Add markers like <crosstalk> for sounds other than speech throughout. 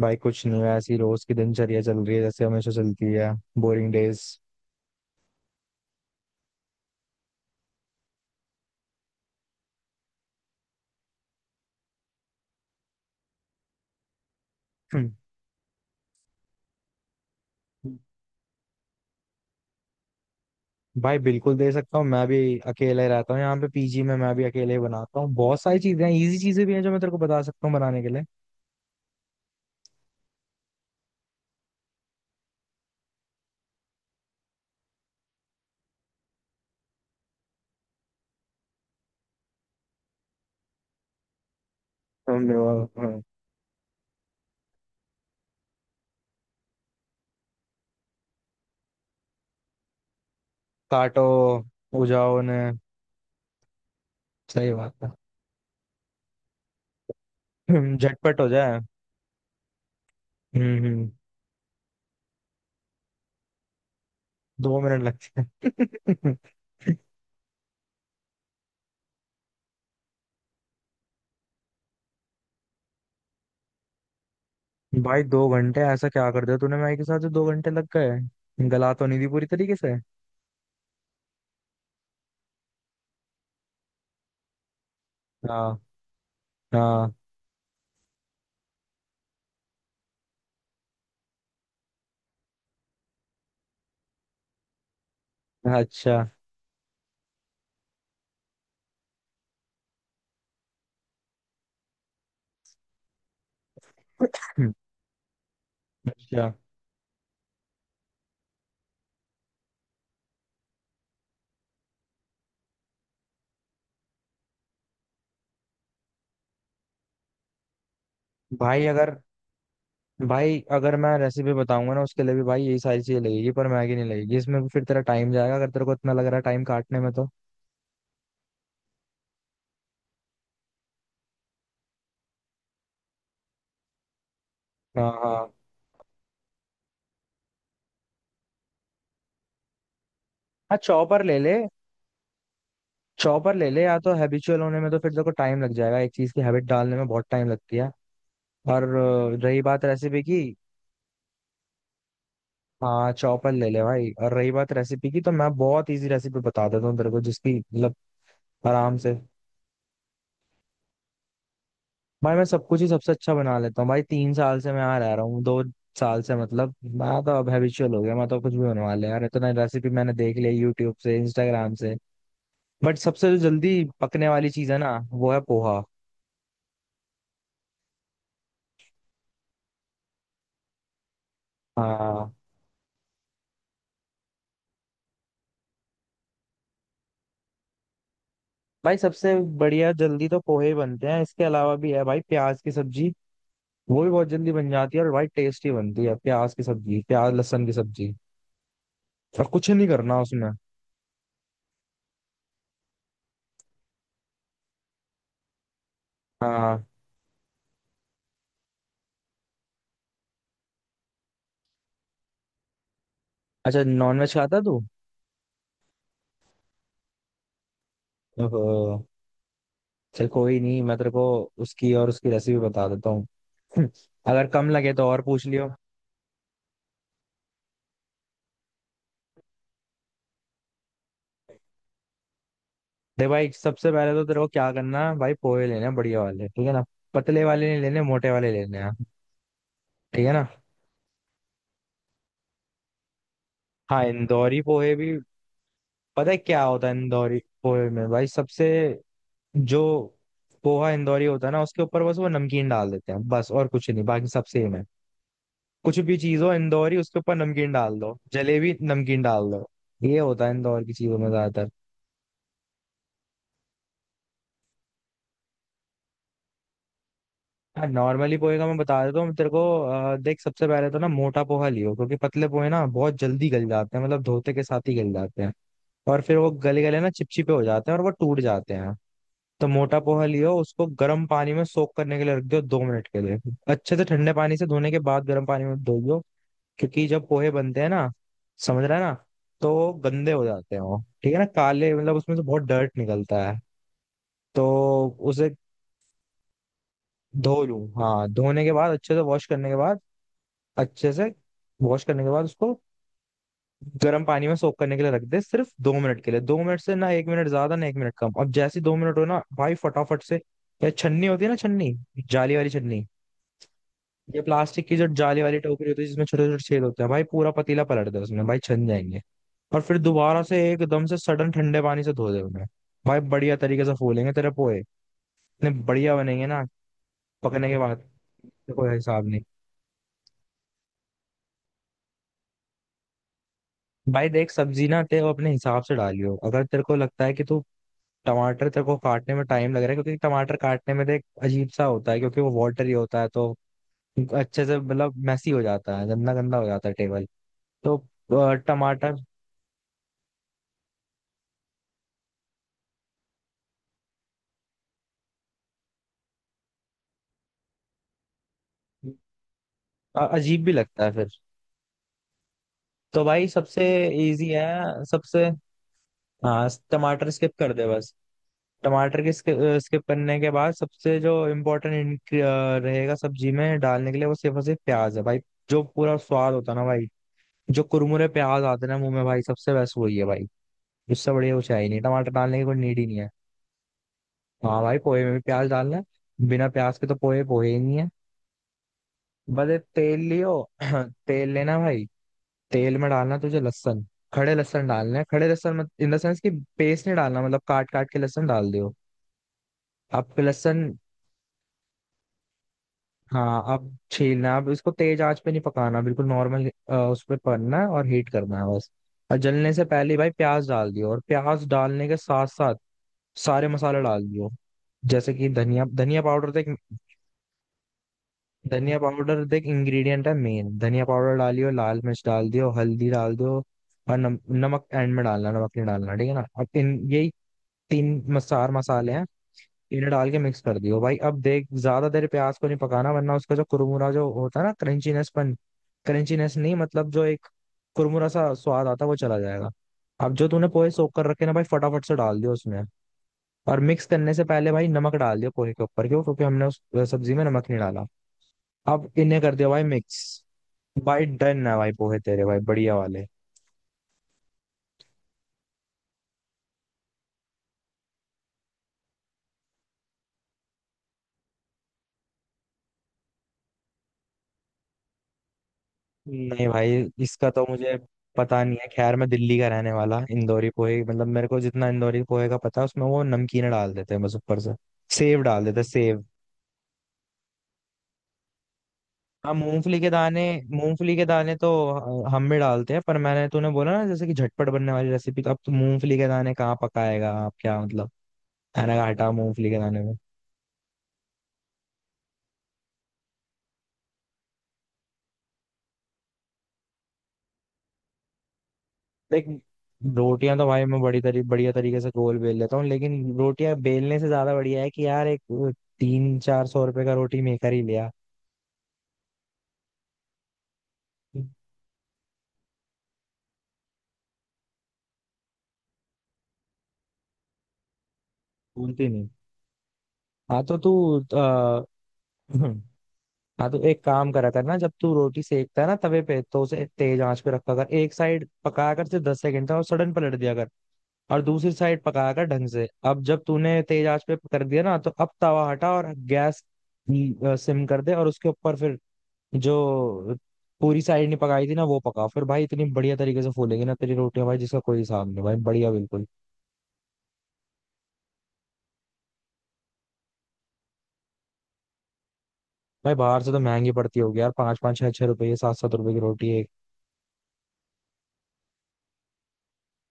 भाई कुछ नहीं है, ऐसी रोज की दिनचर्या चल रही है जैसे हमेशा चलती है। Boring days. <clears throat> भाई बिल्कुल दे सकता हूँ, मैं भी अकेले रहता हूँ यहाँ पे पीजी में। मैं भी अकेले ही बनाता हूँ, बहुत सारी चीजें हैं, इजी चीजें भी हैं जो मैं तेरे को बता सकता हूँ बनाने के लिए। हमने हाँ। काटो उजाओ ने। सही बात है। <clears throat> झटपट हो जाए। हम्म हम्म, दो मिनट लगते हैं। <laughs> भाई दो घंटे ऐसा क्या कर दिया तूने? मैं के साथ जो दो घंटे लग गए, गला तो नहीं दी पूरी तरीके से? हाँ, हाँ। अच्छा। <clears throat> क्या? भाई अगर, भाई अगर मैं रेसिपी बताऊंगा ना, उसके लिए भी भाई यही सारी चीजें लगेगी, पर मैगी नहीं लगेगी इसमें। भी फिर तेरा टाइम जाएगा अगर तेरे को इतना लग रहा है टाइम काटने में तो। हाँ, हाँ। हाँ चॉपर ले ले, चॉपर ले ले। या तो हैबिचुअल होने में तो फिर तेरे को टाइम लग जाएगा, एक चीज की हैबिट डालने में बहुत टाइम लगती है। और रही बात रेसिपी की। हाँ चॉपर ले ले भाई, और रही बात रेसिपी की तो मैं बहुत इजी रेसिपी बता देता हूँ तेरे को, जिसकी मतलब आराम से। भाई मैं सब कुछ ही सबसे अच्छा बना लेता हूँ, भाई तीन साल से मैं यहाँ रह रहा हूँ, दो साल से मतलब, मैं तो अब हैबिचुअल हो गया। मैं तो कुछ भी बनवा ले यार, इतना रेसिपी मैंने देख लिया यूट्यूब से, इंस्टाग्राम से। बट सबसे जो जल्दी पकने वाली चीज है ना, वो है पोहा। हाँ भाई, सबसे बढ़िया जल्दी तो पोहे ही बनते हैं, इसके अलावा भी है भाई, प्याज की सब्जी वो भी बहुत जल्दी बन जाती है और भाई टेस्टी बनती है प्याज की सब्जी, प्याज लहसुन की सब्जी, और कुछ नहीं करना उसमें। हाँ। अच्छा, नॉनवेज खाता तू? ओहो। चल कोई नहीं, मैं तेरे को उसकी और उसकी रेसिपी बता देता हूँ। <laughs> अगर कम लगे तो और पूछ लियो। दे भाई, सबसे पहले तो तेरे को क्या करना है भाई, पोहे लेने हैं बढ़िया वाले, ठीक है ना। पतले वाले नहीं लेने, मोटे वाले लेने हैं। ठीक है ना। हाँ इंदौरी पोहे भी। पता है क्या होता है इंदौरी पोहे में भाई? सबसे, जो पोहा इंदौरी होता है ना, उसके ऊपर बस वो नमकीन डाल देते हैं बस, और कुछ नहीं, बाकी सब सेम है। कुछ भी चीज हो इंदौरी, उसके ऊपर नमकीन डाल दो, जलेबी नमकीन डाल दो। ये होता है इंदौर की चीजों में ज्यादातर। हाँ नॉर्मली पोहे का मैं बता देता हूँ तेरे को। देख सबसे पहले तो ना मोटा पोहा लियो, क्योंकि पतले पोहे ना बहुत जल्दी गल जाते हैं, मतलब धोते के साथ ही गल जाते हैं, और फिर वो गले गले ना चिपचिपे हो जाते हैं और वो टूट जाते हैं। तो मोटा पोहा लियो, उसको गर्म पानी में सोक करने के लिए रख दो, दो मिनट के लिए। अच्छे से ठंडे पानी से धोने के बाद गर्म पानी में धोइयो, क्योंकि जब पोहे बनते हैं ना, समझ रहा है ना, तो गंदे हो जाते हैं वो, ठीक है ना, काले, मतलब उसमें से बहुत डर्ट निकलता है। तो उसे धो लूं। हाँ धोने के बाद, अच्छे से वॉश करने के बाद, अच्छे से वॉश करने के बाद उसको गर्म पानी में सोक करने के लिए रख दे, सिर्फ दो मिनट के लिए, दो मिनट से ना एक मिनट ज्यादा ना एक मिनट कम। अब जैसे ही दो मिनट हो ना भाई फटाफट से, ये छन्नी होती है ना, छन्नी, जाली वाली छन्नी, ये प्लास्टिक की जो जाली वाली टोकरी होती है जिसमें छोटे छोटे छेद होते हैं, भाई पूरा पतीला पलट दे उसमें, भाई छन जाएंगे। और फिर दोबारा से एकदम से सडन ठंडे पानी से धो दे उन्हें, भाई बढ़िया तरीके से फूलेंगे तेरे पोहे, इतने बढ़िया बनेंगे ना पकने के बाद, कोई हिसाब नहीं। भाई देख सब्जी ना तेरे को अपने हिसाब से डालियो, अगर तेरे को लगता है कि तू, टमाटर तेरे को काटने में टाइम लग रहा है, क्योंकि टमाटर काटने में देख अजीब सा होता है क्योंकि वो वाटरी होता है, तो अच्छे से मतलब मैसी हो जाता है, गंदा गंदा हो जाता है टेबल। तो टमाटर अजीब भी लगता है फिर। तो भाई सबसे इजी है सबसे। हाँ टमाटर स्किप कर दे बस। टमाटर के स्किप करने के बाद सबसे जो इम्पोर्टेंट रहेगा सब्जी में डालने के लिए, वो सिर्फ और सिर्फ प्याज है भाई, जो पूरा स्वाद होता है ना भाई, जो कुरमुरे प्याज आते हैं ना मुंह में, भाई सबसे बेस्ट वही है भाई, इससे बढ़िया कुछ है ही नहीं, टमाटर डालने की कोई नीड ही नहीं है। हाँ भाई पोहे में भी प्याज डालना है, बिना प्याज के तो पोहे पोहे ही नहीं है। बस एक तेल लियो। <clears throat> तेल लेना भाई, तेल में डालना तुझे लहसुन, खड़े लहसुन डालना है, खड़े लहसुन मत, इन द सेंस कि पेस्ट नहीं डालना, मतलब काट काट के लहसुन डाल दियो। अब लहसुन, हाँ अब छीलना, अब इसको तेज आंच पे नहीं पकाना, बिल्कुल नॉर्मल उस पर पकना है और हीट करना है बस। और जलने से पहले भाई प्याज डाल दियो, और प्याज डालने के साथ साथ सारे मसाले डाल दियो, जैसे कि धनिया धनिया पाउडर तो एक, धनिया पाउडर देख इंग्रेडिएंट है मेन, धनिया पाउडर डालियो, लाल मिर्च डाल दियो, हल्दी डाल दियो, और नमक एंड में डालना, नमक नहीं डालना, ठीक है ना। अब इन, यही तीन चार मसाले हैं, इन्हें डाल के मिक्स कर दियो भाई। अब देख ज्यादा देर प्याज को नहीं पकाना, वरना उसका जो कुरमुरा जो होता है ना, क्रंचीनेसपन, क्रंचीनेस नहीं, मतलब जो एक कुरमुरा सा स्वाद आता है वो चला जाएगा। अब जो तूने पोहे सोख कर रखे ना भाई, फटाफट से डाल दियो उसमें, और मिक्स करने से पहले भाई नमक डाल दियो पोहे के ऊपर, क्यों? क्योंकि हमने उस सब्जी में नमक नहीं डाला। अब इन्हें कर दिया भाई मिक्स। भाई डन है, भाई पोहे तेरे भाई बढ़िया वाले। नहीं भाई इसका तो मुझे पता नहीं है, खैर मैं दिल्ली का रहने वाला, इंदौरी पोहे मतलब मेरे को जितना इंदौरी पोहे का पता है उसमें वो नमकीन डाल देते हैं बस ऊपर से। सेव डाल देते हैं सेव। हाँ मूंगफली के दाने, मूंगफली के दाने तो हम भी डालते हैं, पर मैंने तूने बोला ना जैसे कि झटपट बनने वाली रेसिपी, तो अब तू मूंगफली के दाने कहाँ पकाएगा आप, क्या मतलब। मैंने कहा हटा मूंगफली के दाने। देख रोटियां तो भाई मैं बड़ी तरी बढ़िया तरीके से गोल बेल लेता हूँ, लेकिन रोटियां बेलने से ज्यादा बढ़िया है कि यार एक तीन चार सौ रुपए का रोटी मेकर ही लिया। भूलती नहीं? हाँ तो तू, आ, <clears throat> हाँ तो एक काम करा कर ना, जब तू रोटी सेकता है ना तवे पे, तो उसे तेज आंच पे रखा कर, एक साइड पका कर सिर्फ दस सेकंड तक और सडन पलट दिया कर, और दूसरी साइड पका कर ढंग से। अब जब तूने तेज आंच पे कर दिया ना, तो अब तवा हटा और गैस सिम कर दे, और उसके ऊपर फिर जो पूरी साइड नहीं पकाई थी ना वो पका, फिर भाई इतनी बढ़िया तरीके से फूलेगी ना तेरी रोटियां भाई, जिसका कोई हिसाब नहीं भाई, बढ़िया बिल्कुल। भाई बाहर से तो महंगी पड़ती होगी यार, पाँच पाँच छह छह रुपये, सात सात रुपए की रोटी एक।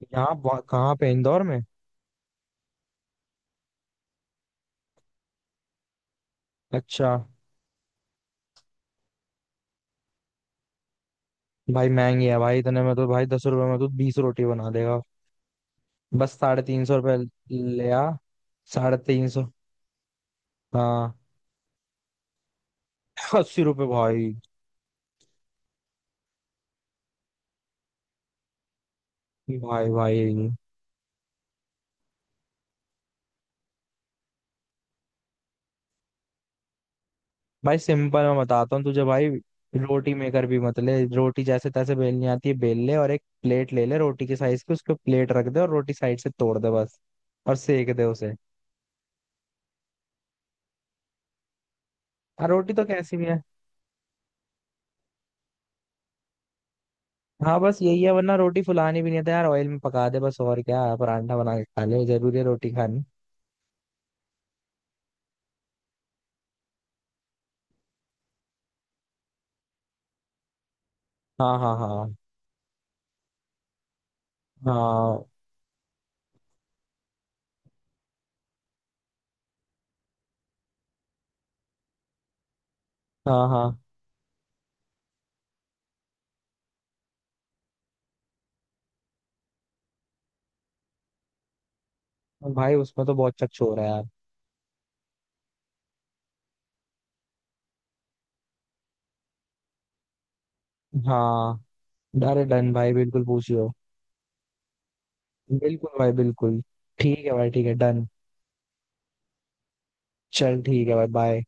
यहाँ कहाँ पे, इंदौर में? अच्छा। भाई महंगी है भाई, इतने में तो भाई दस रुपए में तो बीस रोटी बना देगा। बस साढ़े तीन सौ रुपये ले आ। साढ़े तीन सौ। हाँ। अस्सी रुपये भाई। भाई, भाई, भाई, सिंपल मैं बताता हूँ तुझे भाई, रोटी मेकर भी मत ले, रोटी जैसे तैसे बेलनी आती है बेल ले, और एक प्लेट ले ले रोटी के साइज की, उसको प्लेट रख दे और रोटी साइड से तोड़ दे बस, और सेक दे उसे। हाँ रोटी तो कैसी भी है। हाँ बस यही है, वरना रोटी फुलानी भी नहीं था यार, ऑयल में पका दे बस, और क्या, परांठा बना के खा ले, जरूरी है रोटी खानी? हाँ, हाँ, हाँ। हाँ, हाँ, हाँ। भाई उसमें तो बहुत चकचोर है यार। हाँ। अरे डन भाई, बिल्कुल पूछियो। बिल्कुल भाई, बिल्कुल। ठीक है भाई, ठीक है, डन। चल ठीक है भाई, बाय।